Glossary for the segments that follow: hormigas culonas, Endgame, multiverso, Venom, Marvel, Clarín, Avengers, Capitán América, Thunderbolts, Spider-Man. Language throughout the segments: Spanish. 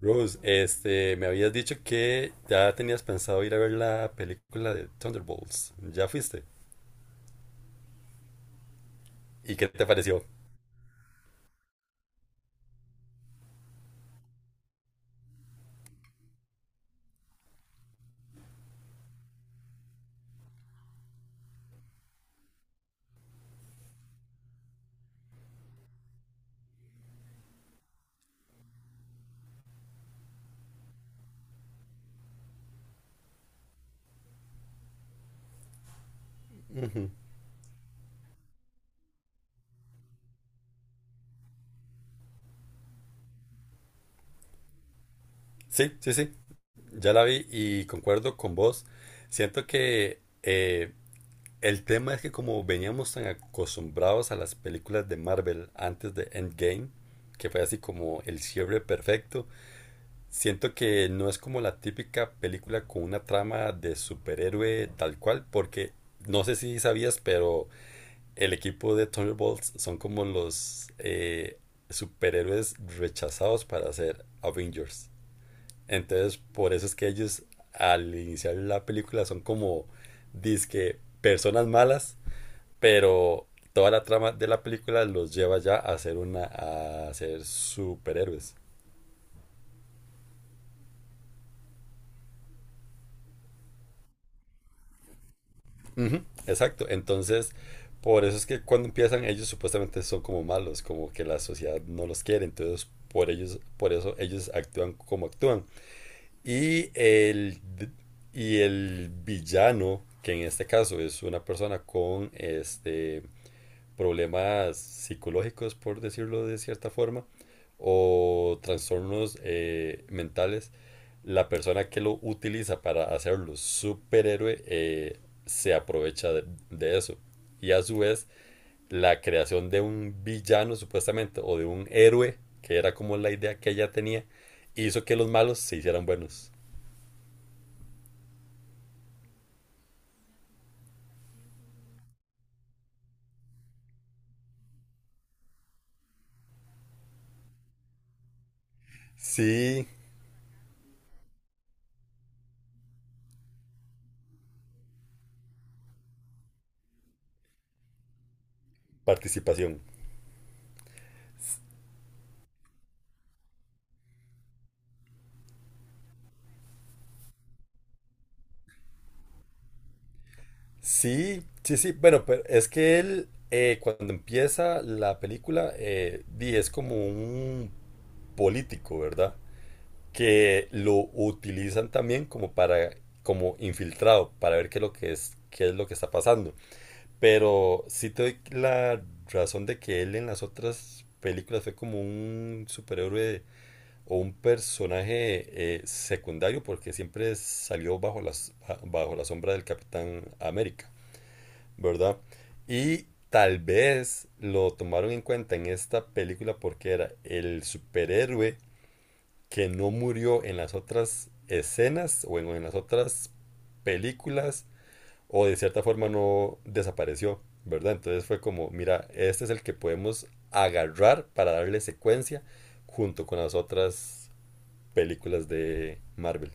Rose, este, me habías dicho que ya tenías pensado ir a ver la película de Thunderbolts. ¿Ya fuiste? ¿Y qué te pareció? Sí, sí, sí. Ya la vi y concuerdo con vos. Siento que el tema es que como veníamos tan acostumbrados a las películas de Marvel antes de Endgame, que fue así como el cierre perfecto, siento que no es como la típica película con una trama de superhéroe tal cual, porque no sé si sabías, pero el equipo de Thunderbolts son como los superhéroes rechazados para ser Avengers. Entonces, por eso es que ellos al iniciar la película son como dizque personas malas, pero toda la trama de la película los lleva ya a ser superhéroes. Uh -huh. Exacto. Entonces, por eso es que cuando empiezan ellos supuestamente son como malos, como que la sociedad no los quiere, entonces por eso ellos actúan como actúan. Y el, y el villano, que en este caso es una persona con este, problemas psicológicos, por decirlo de cierta forma, o trastornos mentales, la persona que lo utiliza para hacerlo superhéroe se aprovecha de eso. Y a su vez, la creación de un villano supuestamente, o de un héroe, que era como la idea que ella tenía, hizo que los malos se hicieran buenos. Sí, participación. Sí, sí, sí. Bueno, pero es que él, cuando empieza la película, es como un político, ¿verdad? Que lo utilizan también como para, como infiltrado, para ver qué es lo que es, qué es lo que está pasando. Pero sí te doy la razón de que él en las otras películas fue como un superhéroe o un personaje secundario porque siempre salió bajo bajo la sombra del Capitán América, ¿verdad? Y tal vez lo tomaron en cuenta en esta película porque era el superhéroe que no murió en las otras escenas en las otras películas o de cierta forma no desapareció, ¿verdad? Entonces fue como, mira, este es el que podemos agarrar para darle secuencia junto con las otras películas de Marvel.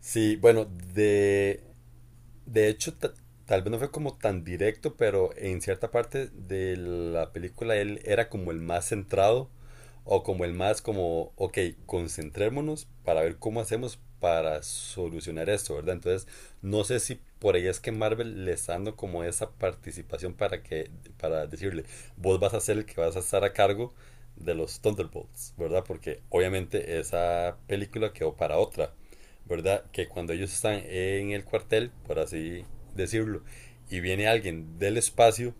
Sí, bueno, de De hecho, ta- tal vez no fue como tan directo, pero en cierta parte de la película él era como el más centrado o como el más como, ok, concentrémonos para ver cómo hacemos para solucionar esto, ¿verdad? Entonces, no sé si por ahí es que Marvel le está dando como esa participación para decirle, vos vas a ser el que vas a estar a cargo de los Thunderbolts, ¿verdad? Porque obviamente esa película quedó para otra. ¿Verdad? Que cuando ellos están en el cuartel, por así decirlo, y viene alguien del espacio,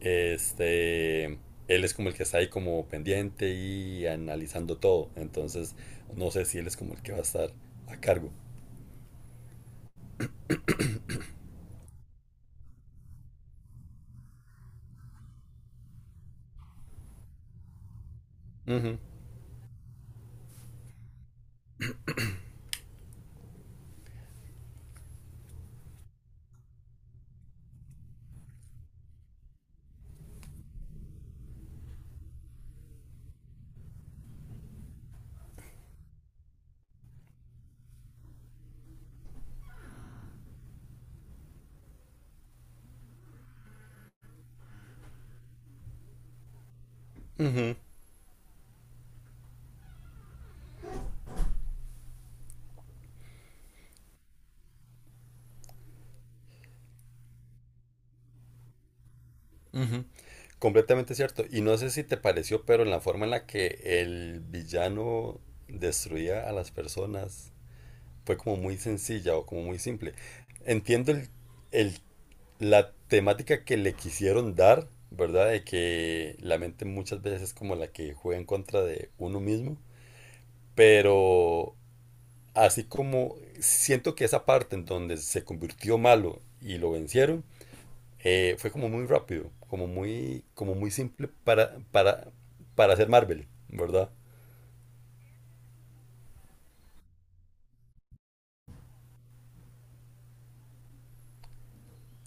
este, él es como el que está ahí como pendiente y analizando todo. Entonces, no sé si él es como el que va a estar a cargo. Completamente cierto. Y no sé si te pareció, pero en la forma en la que el villano destruía a las personas fue como muy sencilla o como muy simple. Entiendo el la temática que le quisieron dar, ¿verdad? De que la mente muchas veces es como la que juega en contra de uno mismo, pero así como siento que esa parte en donde se convirtió malo y lo vencieron, fue como muy rápido, como muy simple para hacer Marvel, ¿verdad?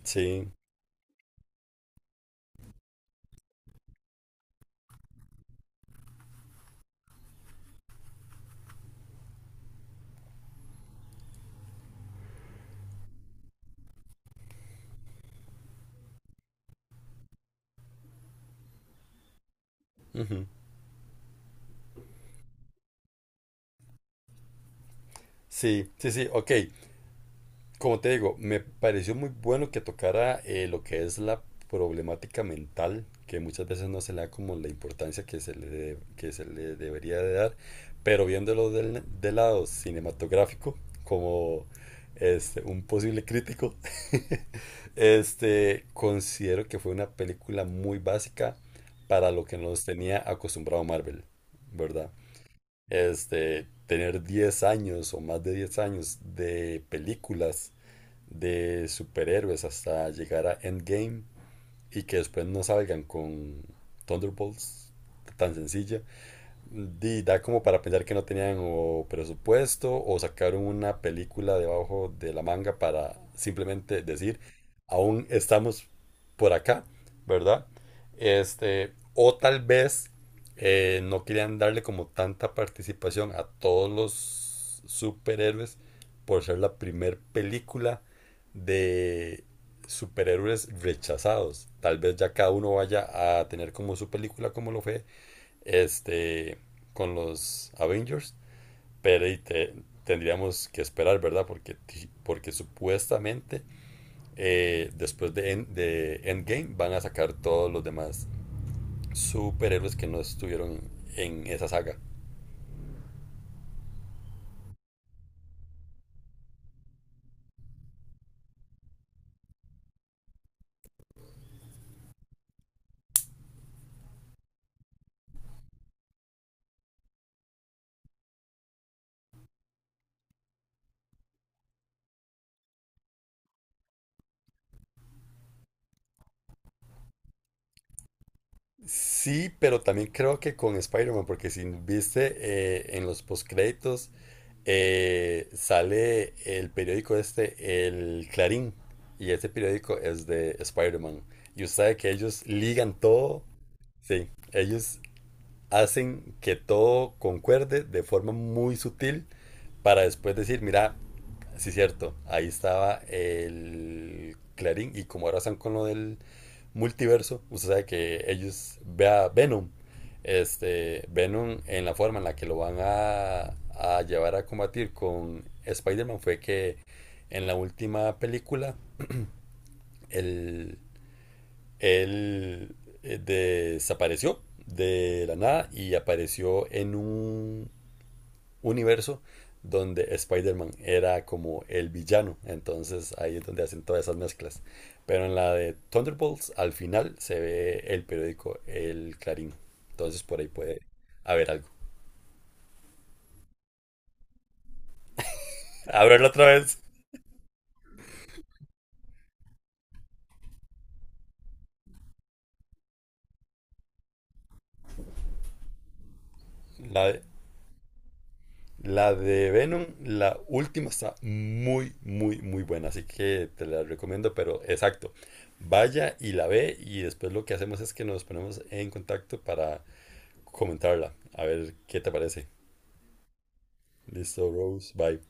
Sí. Ujú. Sí, sí, sí, ok. Como te digo, me pareció muy bueno que tocara lo que es la problemática mental, que muchas veces no se le da como la importancia que que se le debería de dar, pero viéndolo del lado cinematográfico, como este, un posible crítico, este, considero que fue una película muy básica para lo que nos tenía acostumbrado Marvel, ¿verdad? Este, tener 10 años o más de 10 años de películas de superhéroes hasta llegar a Endgame y que después no salgan con Thunderbolts tan sencilla. Di, da como para pensar que no tenían o presupuesto o sacaron una película debajo de la manga para simplemente decir, aún estamos por acá, ¿verdad? Este, o tal vez no querían darle como tanta participación a todos los superhéroes por ser la primer película de superhéroes rechazados. Tal vez ya cada uno vaya a tener como su película como lo fue este, con los Avengers, pero tendríamos que esperar, ¿verdad? Porque, porque supuestamente después de Endgame van a sacar todos los demás superhéroes que no estuvieron en esa saga. Sí, pero también creo que con Spider-Man, porque si viste en los postcréditos sale el periódico este, el Clarín, y ese periódico es de Spider-Man. Y usted sabe que ellos ligan todo, sí, ellos hacen que todo concuerde de forma muy sutil para después decir, mira, sí es cierto, ahí estaba el Clarín y como ahora están con lo del multiverso, usted sabe que ellos vea Venom, este Venom en la forma en la que lo van a llevar a combatir con Spider-Man fue que en la última película el él desapareció de la nada y apareció en un universo donde Spider-Man era como el villano. Entonces ahí es donde hacen todas esas mezclas. Pero en la de Thunderbolts, al final se ve el periódico El Clarín. Entonces por ahí puede haber algo. Abrirlo otra vez. La, La de Venom, la última está muy, muy, muy buena, así que te la recomiendo, pero exacto. Vaya y la ve y después lo que hacemos es que nos ponemos en contacto para comentarla. A ver qué te parece. Listo, Rose, bye.